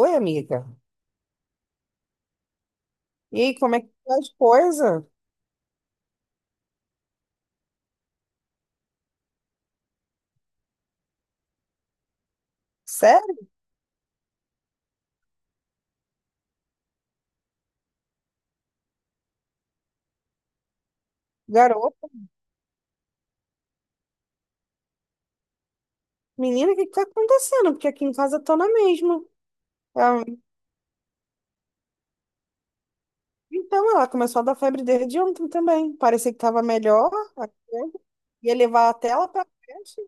Oi, amiga. E aí, como é que tá as coisas? Sério? Garota? Menina, o que que tá acontecendo? Porque aqui em casa tô na mesma. Ah, então, ela começou a dar febre desde ontem também. Parecia que tava melhor. A febre. Ia levar até ela pra creche.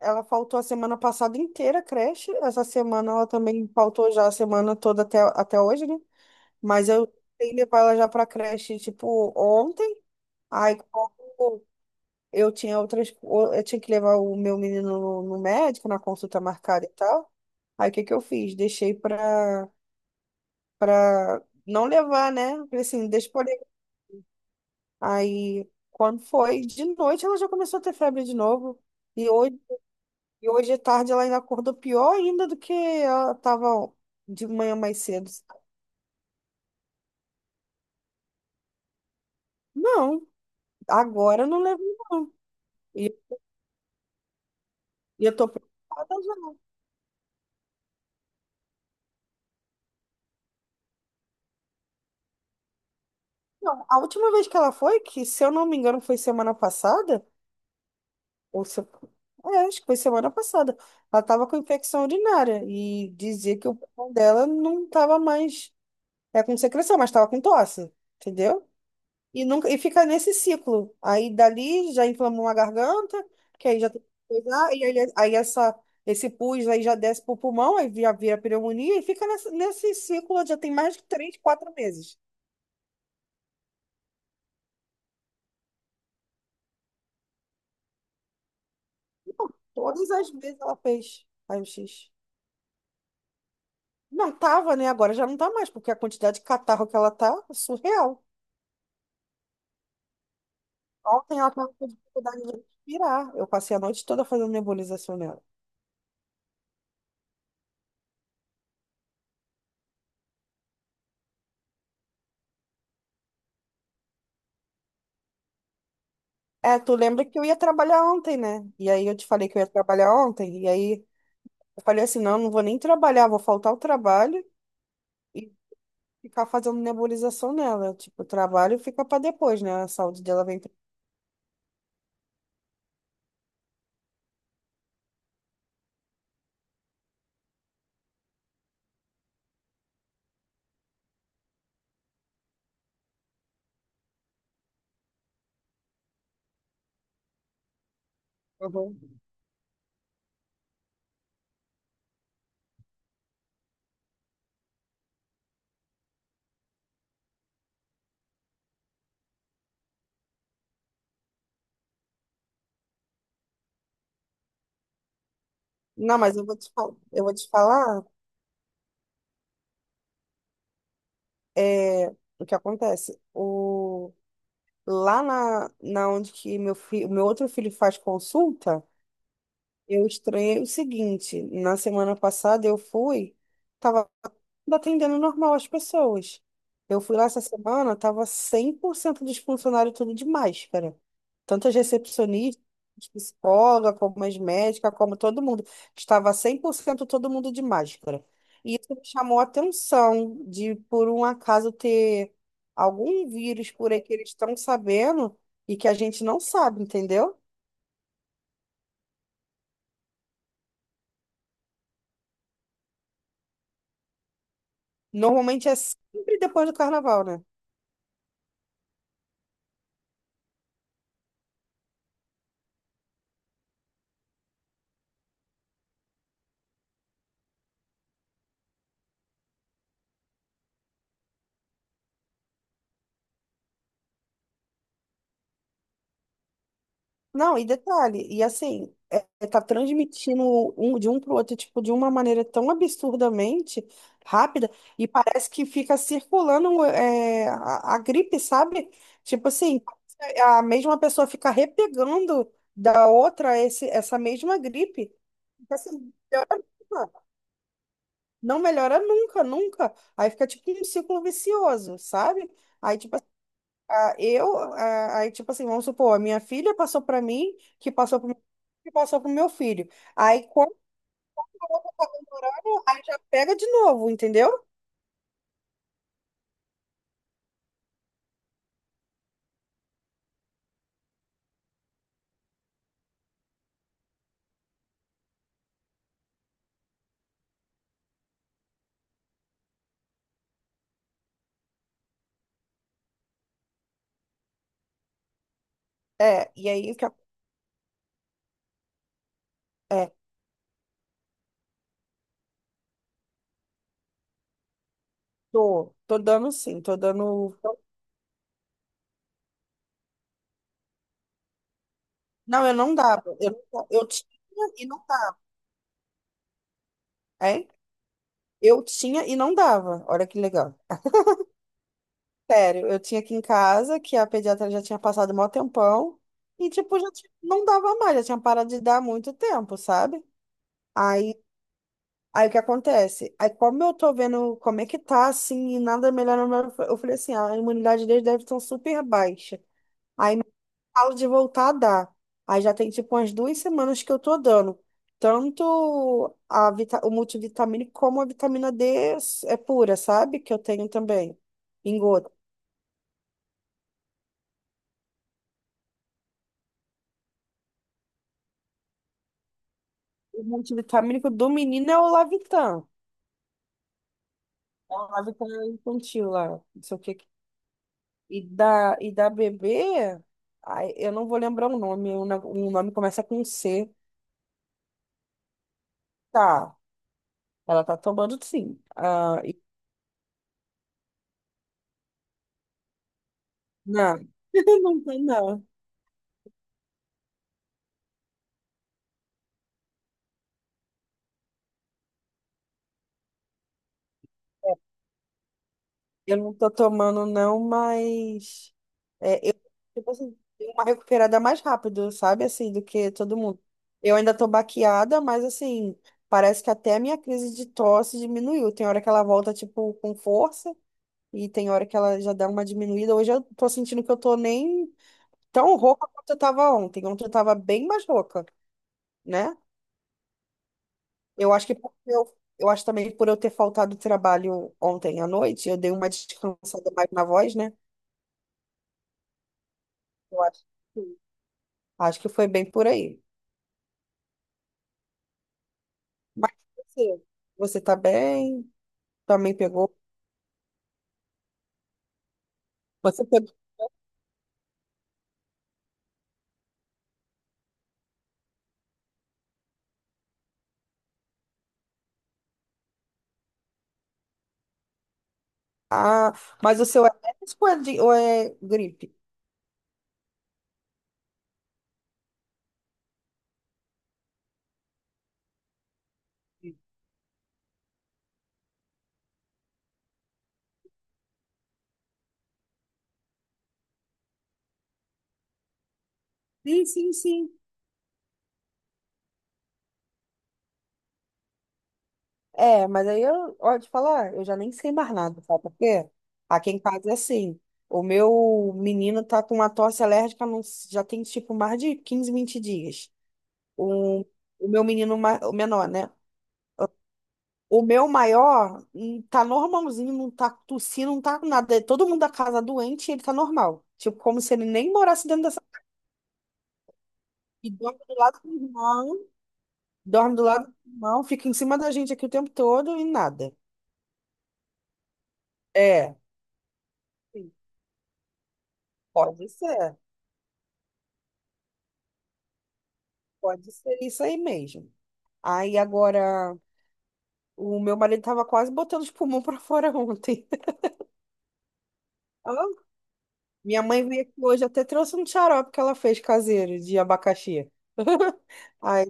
Ela faltou a semana passada inteira a creche. Essa semana ela também faltou já a semana toda até hoje, né? Mas eu tentei levar ela já pra creche, tipo, ontem. Aí, como eu tinha eu tinha que levar o meu menino no médico, na consulta marcada e tal. Aí o que que eu fiz? Deixei pra não levar, né? Falei assim, deixa por aí. Aí quando foi de noite, ela já começou a ter febre de novo. E hoje, e hoje à tarde ela ainda acordou pior ainda do que ela tava de manhã mais cedo. Não, agora eu não levo, não. E, e eu tô preocupada já. Não, a última vez que ela foi, que se eu não me engano foi semana passada, Ou se- é, acho que foi semana passada. Ela estava com infecção urinária e dizia que o pulmão dela não estava mais. É com secreção, mas estava com tosse, entendeu? E, nunca, e fica nesse ciclo. Aí dali já inflamou uma garganta, que aí já tem que cuidar, e aí, esse pus aí já desce pro pulmão, aí vira pneumonia e fica nesse ciclo já tem mais de 3, 4 meses. Todas as vezes ela fez raio-x. Não tava, né? Agora já não tá mais, porque a quantidade de catarro que ela tá é surreal. Ontem ela estava com dificuldade de respirar. Eu passei a noite toda fazendo nebulização nela. É, tu lembra que eu ia trabalhar ontem, né? E aí eu te falei que eu ia trabalhar ontem. E aí eu falei assim, não, não vou nem trabalhar, vou faltar o trabalho e ficar fazendo nebulização nela. Tipo, o trabalho fica para depois, né? A saúde dela vem. Não, mas eu vou te falar, eu vou te falar é, o que acontece. Lá na onde que meu outro filho faz consulta. Eu estranhei o seguinte, na semana passada eu fui, tava atendendo normal as pessoas. Eu fui lá essa semana, tava 100% dos funcionários tudo de máscara. Tanto as recepcionistas, psicóloga, como as médicas, como todo mundo. Estava 100% todo mundo de máscara. E isso me chamou a atenção de, por um acaso, ter algum vírus por aí que eles estão sabendo e que a gente não sabe, entendeu? Normalmente é sempre depois do carnaval, né? Não, e detalhe, e assim, é, é tá transmitindo um, de um pro outro, tipo, de uma maneira tão absurdamente rápida, e parece que fica circulando é, a gripe, sabe? Tipo assim, a mesma pessoa fica repegando da outra essa mesma gripe. Fica assim, piora nunca. Não melhora nunca, nunca. Aí fica tipo um ciclo vicioso, sabe? Aí, tipo ah, eu, ah, aí, tipo assim, vamos supor, a minha filha passou para mim, que passou pro meu filho. Aí, quando aí já pega de novo, entendeu? É, e aí, é, tô dando sim, tô dando. Não, eu não dava. Eu tinha e não dava, hein? Eu tinha e não dava. Olha que legal. Sério, eu tinha aqui em casa, que a pediatra já tinha passado mó tempão, e, tipo, não dava mais, já tinha parado de dar há muito tempo, sabe? Aí o que acontece? Aí como eu tô vendo como é que tá, assim, e nada melhora, eu falei assim, "Ah, a imunidade deles deve estar super baixa." Falo de voltar a dar. Aí já tem tipo umas 2 semanas que eu tô dando. Tanto a o multivitamínico como a vitamina D é pura, sabe? Que eu tenho também, em gota. O multivitamínico do menino é o Lavitan. É o Lavitan infantil lá, não sei o que. E da bebê, ai, eu não vou lembrar o nome, o nome começa com C. Tá, ela tá tomando sim. Ah, não, não tá não. Eu não tô tomando não, mas é, eu, tipo assim, dei uma recuperada mais rápido, sabe? Assim, do que todo mundo. Eu ainda tô baqueada, mas assim, parece que até a minha crise de tosse diminuiu. Tem hora que ela volta, tipo, com força. E tem hora que ela já dá uma diminuída. Hoje eu tô sentindo que eu tô nem tão rouca quanto eu tava ontem. Ontem eu tava bem mais rouca, né? Eu acho que porque eu acho também que por eu ter faltado trabalho ontem à noite, eu dei uma descansada mais na voz, né? Eu acho que sim. Acho que foi bem por aí. Mas você tá bem? Também pegou? Você pegou? Ah, mas o seu é médico ou ou é gripe? Sim, sim, sim. É, mas aí eu, ó, te falar, eu já nem sei mais nada, sabe por quê? Aqui em casa é assim, o meu menino tá com uma tosse alérgica não s- já tem tipo mais de 15, 20 dias. O, o meu menino, o menor, né? O meu maior tá normalzinho, não tá tossindo, não tá com nada. É todo mundo da casa doente e ele tá normal. Tipo, como se ele nem morasse dentro dessa... E dorme do lado do irmão, dorme do lado do irmão, fica em cima da gente aqui o tempo todo e nada. É, sim. Pode ser. Pode ser isso aí mesmo. Aí agora, o meu marido tava quase botando os pulmões pra fora ontem. Ó, minha mãe veio aqui hoje, até trouxe um xarope que ela fez caseiro de abacaxi. Aí,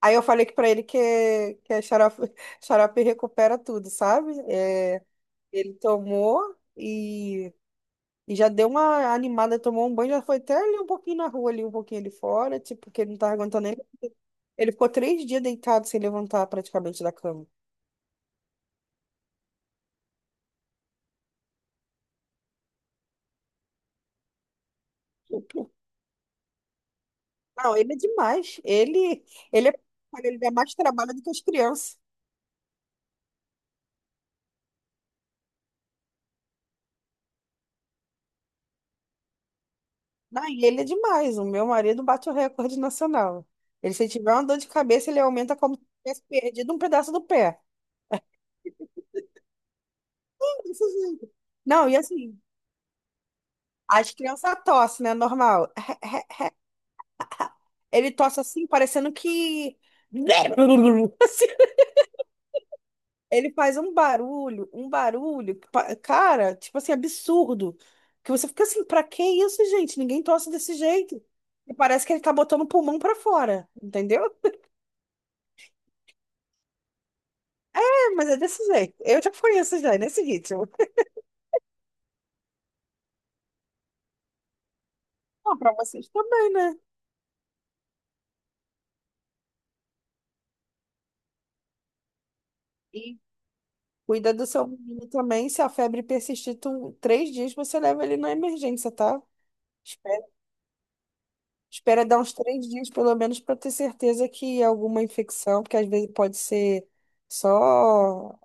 aí eu falei que pra ele que é xarope, xarope recupera tudo, sabe? É, ele tomou e, e já deu uma animada, tomou um banho, já foi até ali um pouquinho na rua, ali um pouquinho ali fora, tipo, porque ele não tava aguentando nem. Ele ficou 3 dias deitado sem levantar praticamente da cama. Não, ele é demais. Ele, é, ele dá mais trabalho do que as crianças. Não, e ele é demais. O meu marido bate o recorde nacional. Ele, se tiver uma dor de cabeça, ele aumenta como se tivesse perdido um pedaço do pé. Desse jeito. Não, e assim, as crianças tossem, né? Normal. Ele tosse assim, parecendo que. Assim, ele faz um barulho, cara, tipo assim, absurdo. Que você fica assim, pra que isso, gente? Ninguém tosse desse jeito. E parece que ele tá botando o pulmão pra fora, entendeu? É, mas é desse jeito. Eu já conheço já, é nesse ritmo. Bom, pra vocês também, né? E cuida do seu menino também. Se a febre persistir 3 dias, você leva ele na emergência, tá? Espera dar uns 3 dias, pelo menos, para ter certeza que alguma infecção, porque às vezes pode ser só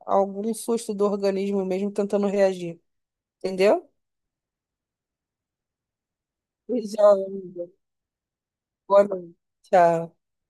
algum susto do organismo mesmo tentando reagir. Entendeu? Beijão, amiga. Boa noite. Tchau.